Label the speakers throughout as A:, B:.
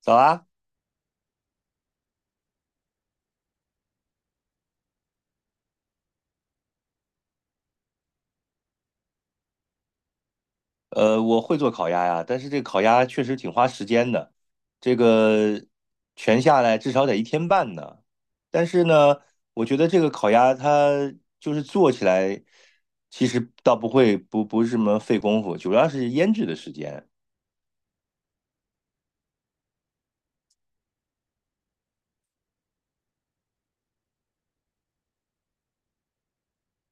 A: 早啊，我会做烤鸭呀，但是这个烤鸭确实挺花时间的，这个全下来至少得一天半呢。但是呢，我觉得这个烤鸭它做起来，其实倒不会不不是什么费功夫，主要是腌制的时间。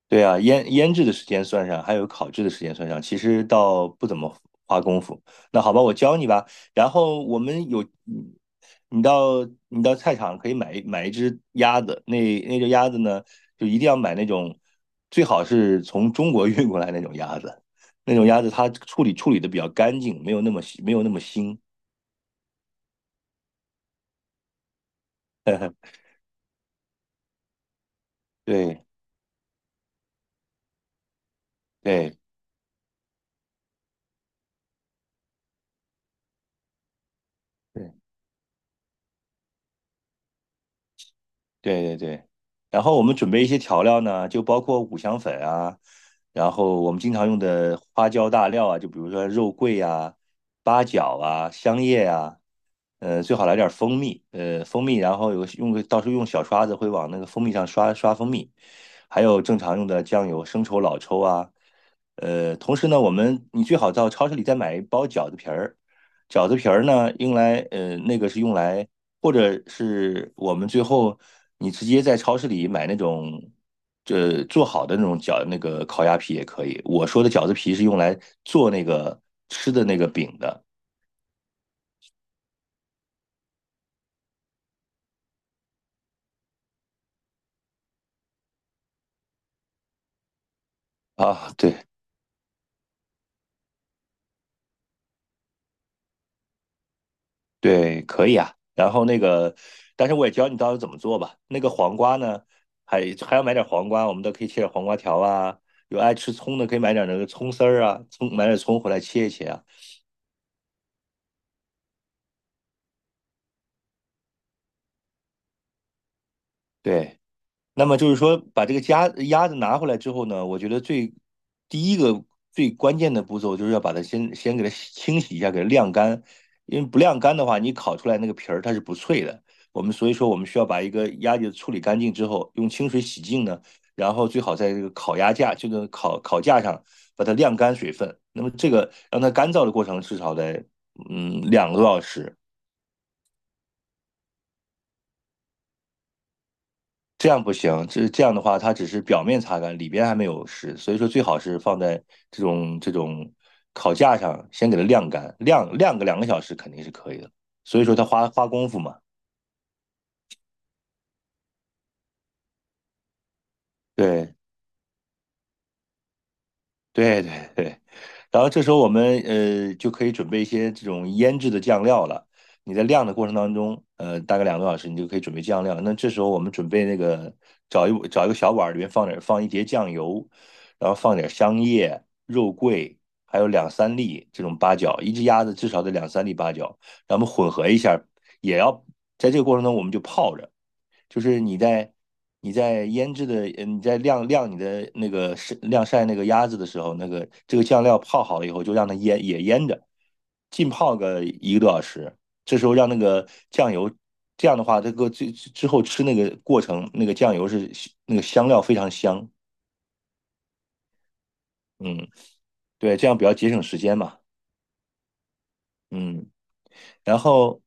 A: 对啊，腌制的时间算上，还有烤制的时间算上，其实倒不怎么花功夫。那好吧，我教你吧。然后我们有，你到菜场可以买一只鸭子，那只鸭子呢，就一定要买那种，最好是从中国 运过来那种鸭子，那种鸭子它处理的比较干净，没有那么腥。对对对。对，然后我们准备一些调料呢，就包括五香粉啊，然后我们经常用的花椒大料啊，就比如说肉桂啊、八角啊、香叶啊，最好来点蜂蜜，然后有个用个到时候用小刷子会往那个蜂蜜上刷蜂蜜，还有正常用的酱油、生抽、老抽啊，同时呢，你最好到超市里再买一包饺子皮儿，饺子皮儿呢用来那个是用来。或者是我们最后你直接在超市里买那种，做好的那种那个烤鸭皮也可以。我说的饺子皮是用来做那个吃的那个饼的啊，对，可以啊。然后那个，但是我也教你到底怎么做吧。那个黄瓜呢，还还要买点黄瓜，我们都可以切点黄瓜条啊。有爱吃葱的可以买点那个葱丝儿啊，葱买点葱回来切一切啊。对。那么就是说，把这个鸭子拿回来之后呢，我觉得第一个最关键的步骤就是要把它先给它清洗一下，给它晾干。因为不晾干的话，你烤出来那个皮儿它是不脆的。我们所以说，我们需要把一个鸭子处理干净之后，用清水洗净呢，然后最好在这个烤鸭架，烤架上把它晾干水分。那么这个让它干燥的过程至少得两个多小时。这样不行，这样的话，它只是表面擦干，里边还没有湿，所以说最好是放在这种烤架上，先给它晾干，晾个两个小时肯定是可以的。所以说它花功夫嘛，对，对，然后这时候我们就可以准备一些这种腌制的酱料了。你在晾的过程当中，大概两个多小时，你就可以准备酱料了。那这时候我们准备那个找一个小碗儿，里面放一碟酱油，然后放点香叶、肉桂，还有两三粒这种八角，一只鸭子至少得两三粒八角，然后我们混合一下，也要在这个过程中我们就泡着。就是你在你在腌制的，你在晾你的那个晒那个鸭子的时候，这个酱料泡好了以后，就让它腌着，浸泡个一个多小时。这时候让那个酱油，这样的话，这个最之后吃那个过程，那个酱油是那个香料非常香。嗯，对，这样比较节省时间嘛。嗯，然后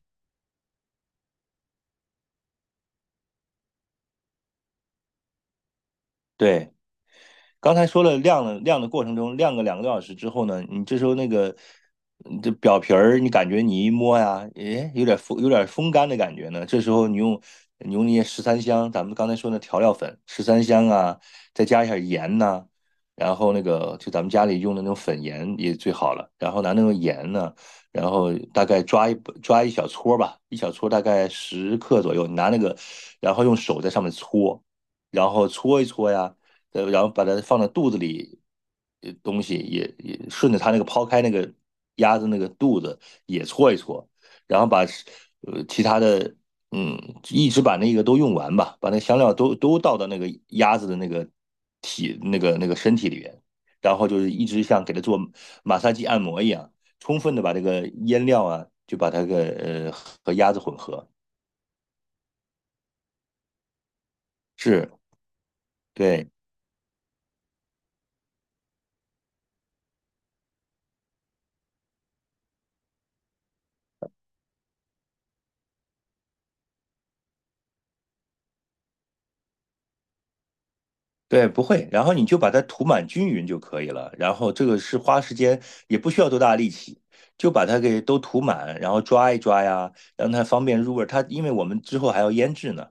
A: 对。刚才说了晾的过程中，晾个两个多小时之后呢，你这时候那个这表皮儿，你感觉你一摸呀，诶，有点风干的感觉呢。这时候你用那些十三香，咱们刚才说那调料粉，十三香啊，再加一下盐呐、然后那个就咱们家里用的那种粉盐也最好了。然后拿那种盐呢，然后大概抓一小撮儿吧，一小撮儿大概10克左右，你拿那个，然后用手在上面搓，然后搓一搓呀，然后把它放到肚子里，东西也顺着它那个抛开那个鸭子那个肚子也搓一搓，然后把其他的嗯一直把那个都用完吧，把那香料都倒到那个鸭子的那个身体里边，然后就是一直像给它做马杀鸡按摩一样，充分的把这个腌料啊就把它和鸭子混合，是对。对，不会，然后你就把它涂满均匀就可以了。然后这个是花时间，也不需要多大力气，就把它给都涂满，然后抓一抓呀，让它方便入味儿。它因为我们之后还要腌制呢，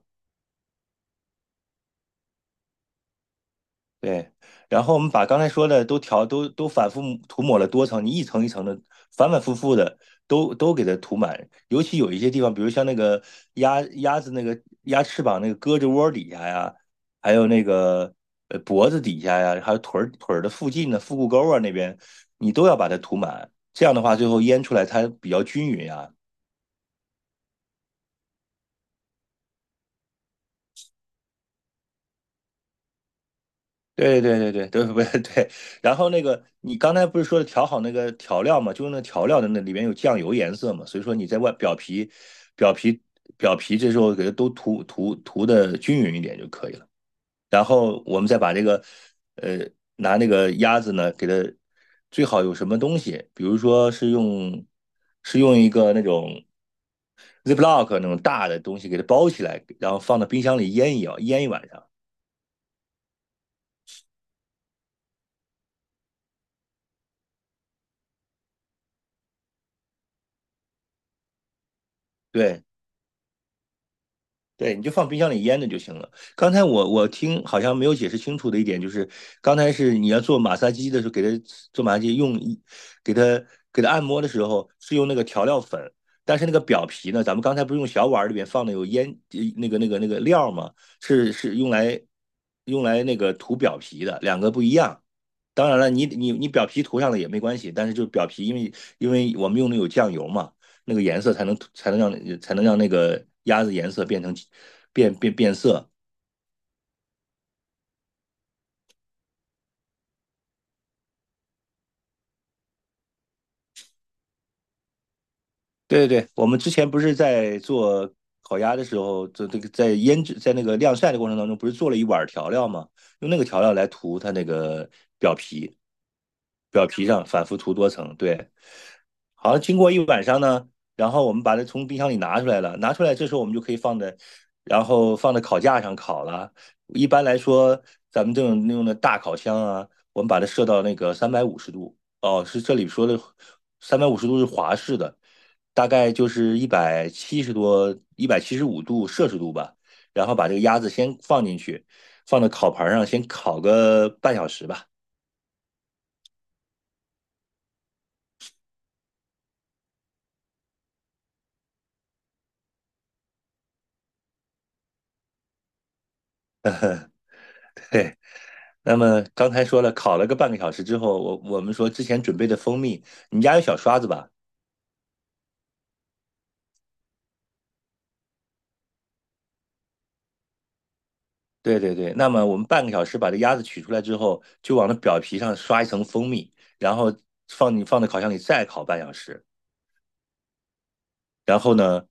A: 对，然后我们把刚才说的都调都都反复涂抹了多层，你一层一层的反反复复的都给它涂满，尤其有一些地方，比如像那个鸭子那个鸭翅膀那个胳肢窝底下呀，还有那个脖子底下呀，还有腿儿的附近的腹股沟啊那边，你都要把它涂满，这样的话最后腌出来它比较均匀啊，对，不是 对。然后那个，你刚才不是说调好那个调料嘛，就是那调料的那里面有酱油颜色嘛，所以说你在外表皮、表皮、表皮这时候给它都涂涂涂的均匀一点就可以了。然后我们再把这个，呃，拿那个鸭子呢，给它最好有什么东西，比如说是用一个那种 Ziploc 那种大的东西给它包起来，然后放到冰箱里腌一晚上。对，对，你就放冰箱里腌着就行了。刚才我听好像没有解释清楚的一点就是，刚才是你要做马杀鸡的时候，给它做马杀鸡用一，给它按摩的时候是用那个调料粉，但是那个表皮呢，咱们刚才不是用小碗儿里面放的有那个料吗？是用来那个涂表皮的，两个不一样。当然了，你表皮涂上了也没关系，但是就是表皮，因为我们用的有酱油嘛，那个颜色才能让那个鸭子颜色变成变变变色，对，我们之前不是在做烤鸭的时候，做这个在腌制那个晾晒的过程当中，不是做了一碗调料吗？用那个调料来涂它那个表皮，表皮上反复涂多层。对，好像经过一晚上呢，然后我们把它从冰箱里拿出来了，拿出来这时候我们就可以放在，然后放在烤架上烤了。一般来说，咱们这种用的大烤箱啊，我们把它设到那个三百五十度。哦，是这里说的三百五十度是华氏的。大概就是170多、175度摄氏度吧，然后把这个鸭子先放进去，放到烤盘上先烤个半小时吧。对，那么刚才说了，烤了个半个小时之后，我们说之前准备的蜂蜜，你们家有小刷子吧？对，那么我们半个小时把这鸭子取出来之后，就往那表皮上刷一层蜂蜜，然后你放到烤箱里再烤半小时。然后呢，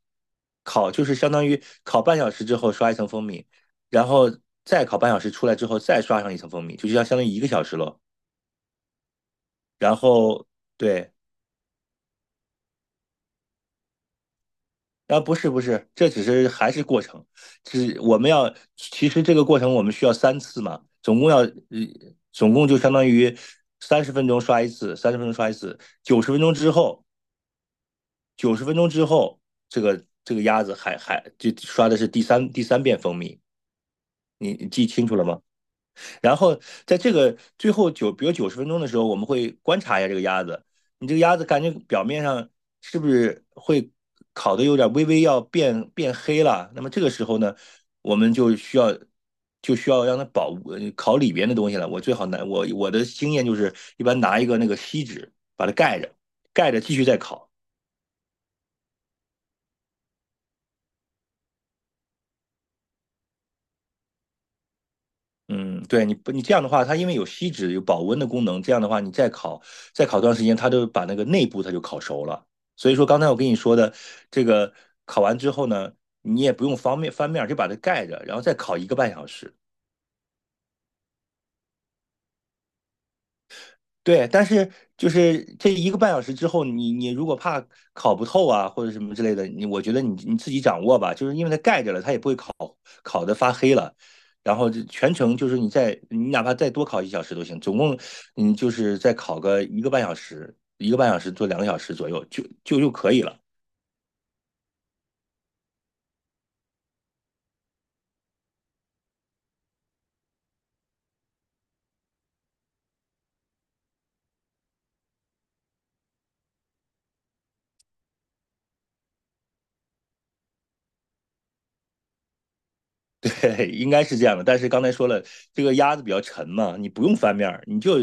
A: 烤就是相当于烤半小时之后刷一层蜂蜜，然后再烤半小时出来之后再刷上一层蜂蜜，就是要相当于一个小时喽。然后对，啊不是，这只是还是过程，我们要其实这个过程我们需要三次嘛，总共要总共就相当于三十分钟刷一次，三十分钟刷一次，九十分钟之后，九十分钟之后这个鸭子还就刷的是第三遍蜂蜜，你记清楚了吗？然后在这个最后九，比如九十分钟的时候，我们会观察一下这个鸭子，你这个鸭子感觉表面上是不是会烤的有点微微要变黑了？那么这个时候呢，我们就需要就需要让它烤里边的东西了。我最好拿我的经验就是，一般拿一个那个锡纸把它盖着，盖着继续再烤。嗯，对，你不你这样的话，它因为有锡纸有保温的功能，这样的话你再烤段时间，它就把那个内部它就烤熟了。所以说刚才我跟你说的，这个烤完之后呢，你也不用方便翻面，就把它盖着，然后再烤一个半小时。对，但是就是这一个半小时之后，你如果怕烤不透啊，或者什么之类的，我觉得你自己掌握吧，就是因为它盖着了，它也不会烤的发黑了。然后这全程就是你哪怕再多烤一小时都行，总共你就是再烤个一个半小时，一个半小时做两个小时左右就可以了。对，应该是这样的。但是刚才说了，这个鸭子比较沉嘛，你不用翻面儿，你就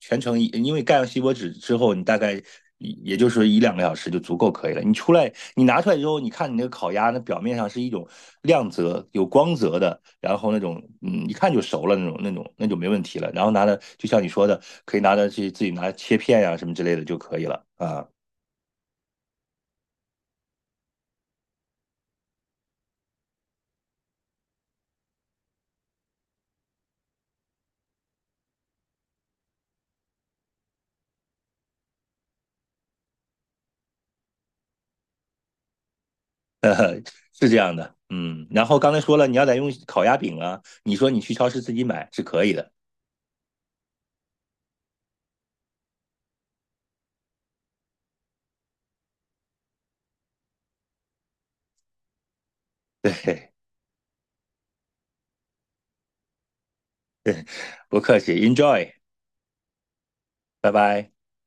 A: 全程一，因为盖上锡箔纸之后，你大概也就是一两个小时就足够可以了。你出来，你拿出来之后，你看你那个烤鸭，那表面上是一种亮泽、有光泽的，然后那种嗯，一看就熟了那种、那就没问题了。然后拿的，就像你说的，可以拿着去自己拿切片呀、什么之类的就可以了啊，是这样的。嗯，然后刚才说了，你要再用烤鸭饼啊，你说你去超市自己买是可以的，对。不客气，Enjoy，拜拜。